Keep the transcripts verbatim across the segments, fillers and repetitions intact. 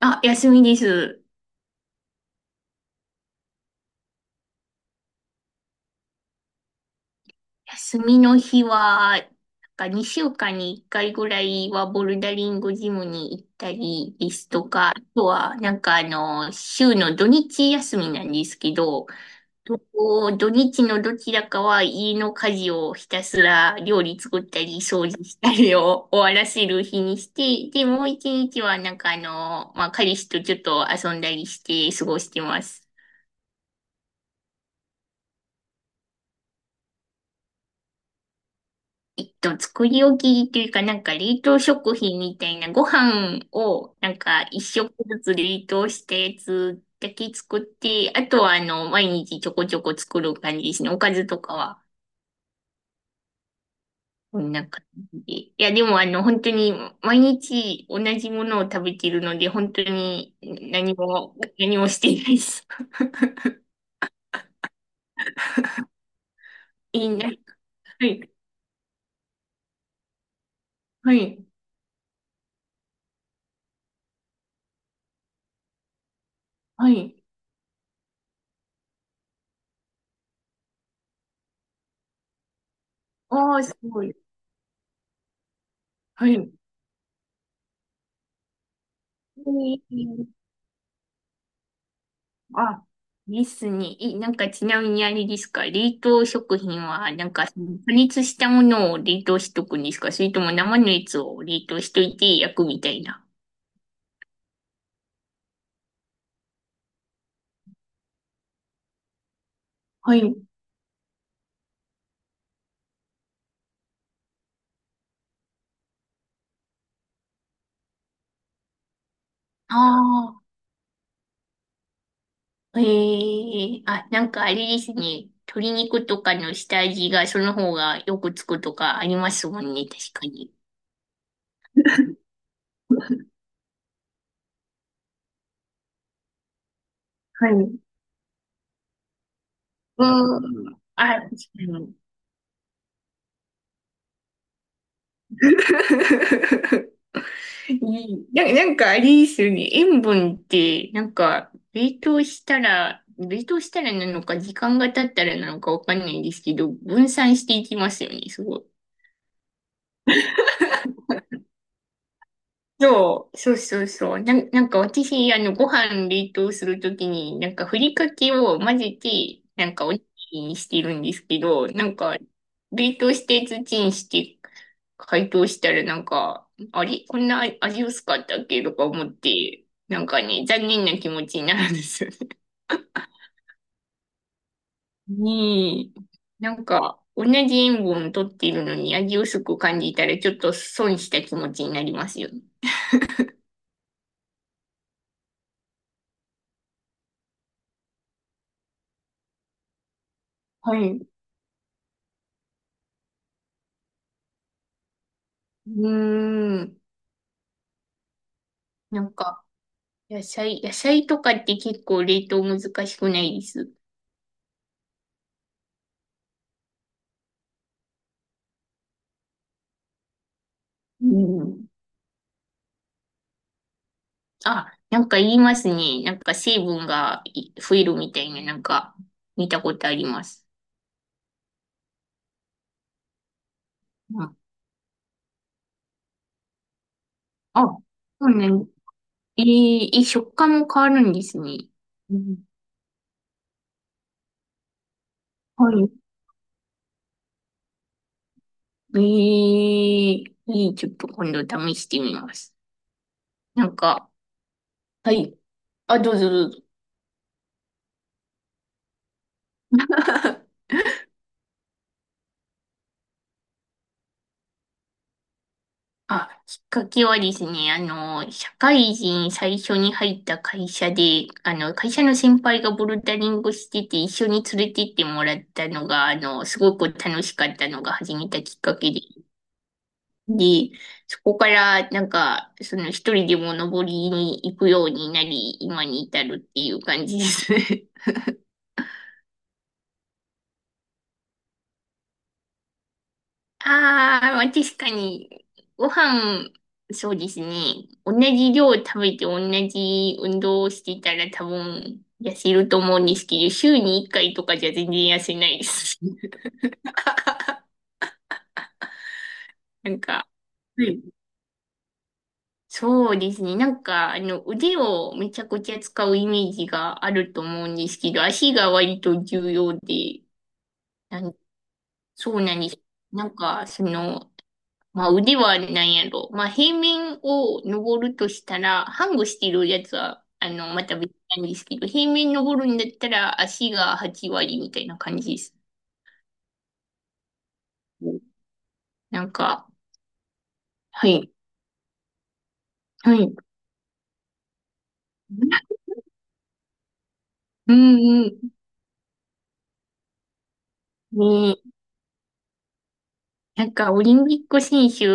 あ、休みです。休みの日は、なんかにしゅうかんにいっかいぐらいはボルダリングジムに行ったりですとか、あとは、なんかあの、週の土日休みなんですけど、ど土日のどちらかは家の家事をひたすら料理作ったり掃除したりを 終わらせる日にして、で、もう一日はなんかあの、まあ、彼氏とちょっと遊んだりして過ごしてます。えっと、作り置きというか、なんか冷凍食品みたいなご飯を、なんか一食ずつ冷凍したやつだけ作って、あとはあの、毎日ちょこちょこ作る感じですね。おかずとかは、こんな感じで。いや、でもあの、本当に毎日同じものを食べてるので、本当に何も、何もしていないです。いいな。はい。はい。はい。ああ、すごい。はい。あ、ですね。え、なんかちなみにあれですか？冷凍食品は、なんか加熱したものを冷凍しとくんですか？それとも生のやつを冷凍しといて焼くみたいな。はい。ああ、ええあ、なんかあれですね。鶏肉とかの下味がその方がよくつくとかありますもんね、確かに。はい。うん。あ、確かに。いいな、なんかあれですよね。塩分って、なんか、冷凍したら、冷凍したらなのか、時間が経ったらなのかわかんないんですけど、分散していきますよね、すごい。そう、そうそうそう。なん、なんか私、あの、ご飯冷凍するときに、なんかふりかけを混ぜて、なんかおにぎりにしてるんですけど、なんか、冷凍して土にして、解凍したらなんか、あれこんな味薄かったっけとか思って、なんかね、残念な気持ちになるんですよね。に、なんか、同じ塩分を取っているのに味薄く感じたら、ちょっと損した気持ちになりますよね。はい。うーん。なんか、野菜、野菜とかって結構冷凍難しくないですうん。あ、なんか言いますね。なんか成分がい増えるみたいな、なんか見たことあります。うん、あ、そうね。えー、え、食感も変わるんですね。うん。はい。えー、いいちょっと今度試してみます。なんか、はい。あ、どうぞどうぞ。あ、きっかけはですね、あの、社会人最初に入った会社で、あの、会社の先輩がボルダリングしてて、一緒に連れてってもらったのが、あの、すごく楽しかったのが始めたきっかけで、で、そこから、なんか、その一人でも登りに行くようになり、今に至るっていう感じですね。ああ、まあ確かに、ご飯、そうですね。同じ量食べて同じ運動をしてたら多分痩せると思うんですけど、週にいっかいとかじゃ全然痩せないです。なんか、はいそうですね。なんか、あの、腕をめちゃくちゃ使うイメージがあると思うんですけど、足が割と重要で、なんそうなんです。なんか、その、まあ、腕はなんやろ。まあ、平面を登るとしたら、ハングしてるやつは、あの、また別なんですけど、平面登るんだったら足がはち割みたいな感じです。なんか、はい、はい。うん、うん。なんか、オリンピック選手、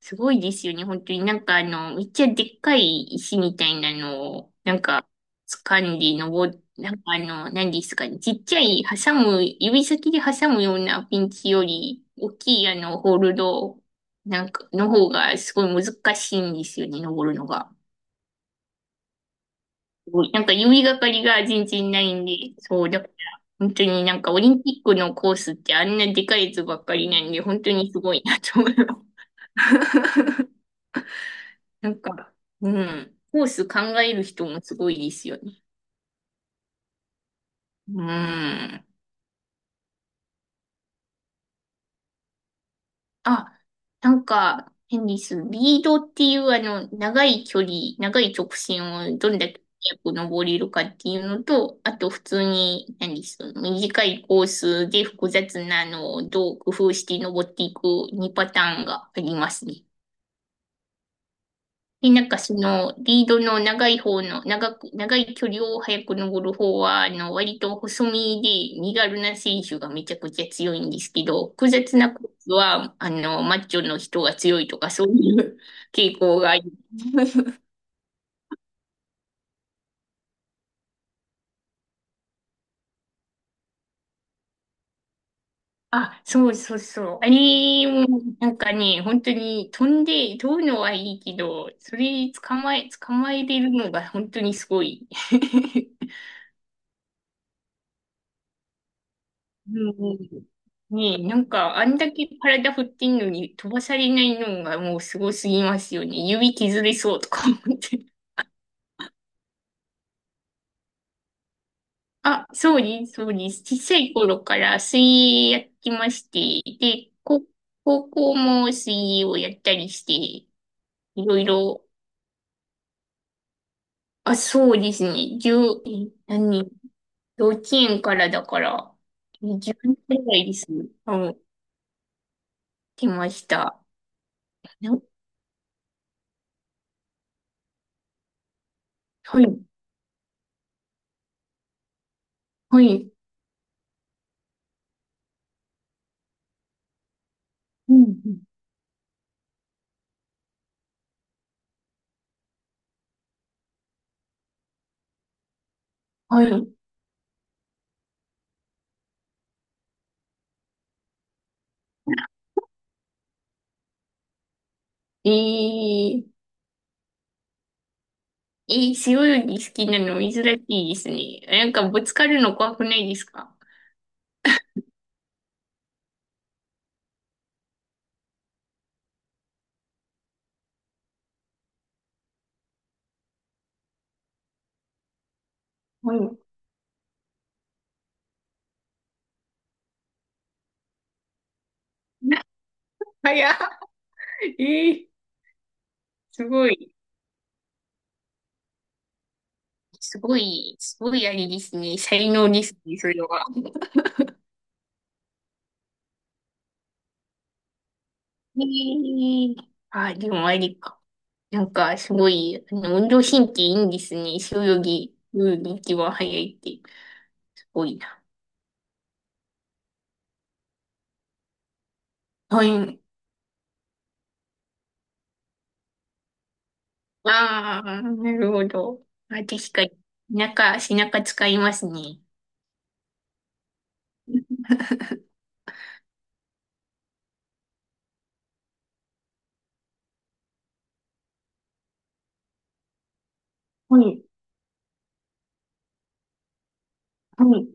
すごいですよね、本当に。なんか、あの、めっちゃでっかい石みたいなのを、なんか、掴んで登っ、なんかあの、何ですかね、ちっちゃい、挟む、指先で挟むようなピンチより、大きいあの、ホールド、なんか、の方が、すごい難しいんですよね、登るのが。すごいなんか、指がかりが全然ないんで、そう、だから、本当になんか、オリンピックのコースってあんなでかいやつばっかりなんで、本当にすごいなと思います。なんか、うん。コース考える人もすごいですよね。うん。あ、なんか、変です。リードっていうあの、長い距離、長い直線をどんだけ速く登れるかっていうのと、あと普通に、何です。短いコースで複雑なのをどう工夫して登っていくにパターンがありますね。で、なんかその、リードの長い方の、長く、長い距離を早く登る方は、あの、割と細身で身軽な選手がめちゃくちゃ強いんですけど、複雑なコースは、あの、マッチョの人が強いとか、そういう傾向があり あ、そうそうそう。あれも、なんかね、本当に飛んで、飛ぶのはいいけど、それ捕まえ、捕まえれるのが本当にすごい。うんうんねえ、なんか、あんだけ体振ってんのに飛ばされないのがもうすごすぎますよね。指削れそうとか思って。あ、そうです、そうです。小さい頃から水泳やってまして、で、こ高校も水泳をやったりして、いろいろ、あ、そうですね。十、え何、幼稚園からだから、じゅうねんくらいですね。うん、来ました。なはい、はい、うん、うんはい。えええー、背泳ぎ好きなの珍しいですね。なんかぶつかるの怖くないですか？はい。な早っ。ええすごい。すごい、すごいあれですね。才能ですね、それは。ええあ、でもありか。なんかすごい、あの、運動神経いいんですね。背泳ぎ、泳ぎ一番早いって、すごいな。はい。ああ、なるほど。あ、確かに。背中、背中使いますね。はい。はい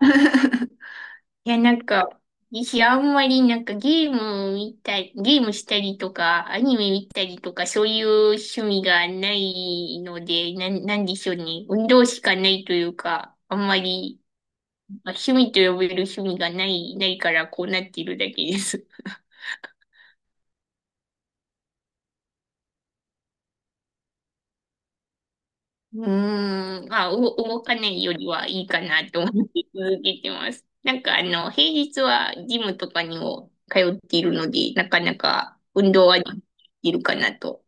いや、なんか、私あんまりなんかゲーム見たり、ゲームしたりとか、アニメ見たりとか、そういう趣味がないので、なん、なんでしょうね。運動しかないというか、あんまり、まあ、趣味と呼べる趣味がない、ないからこうなっているだけです。うーん、まあ、う動かないよりはいいかなと思って続けてます。なんかあの、平日はジムとかにも通っているので、なかなか運動はできるかなと。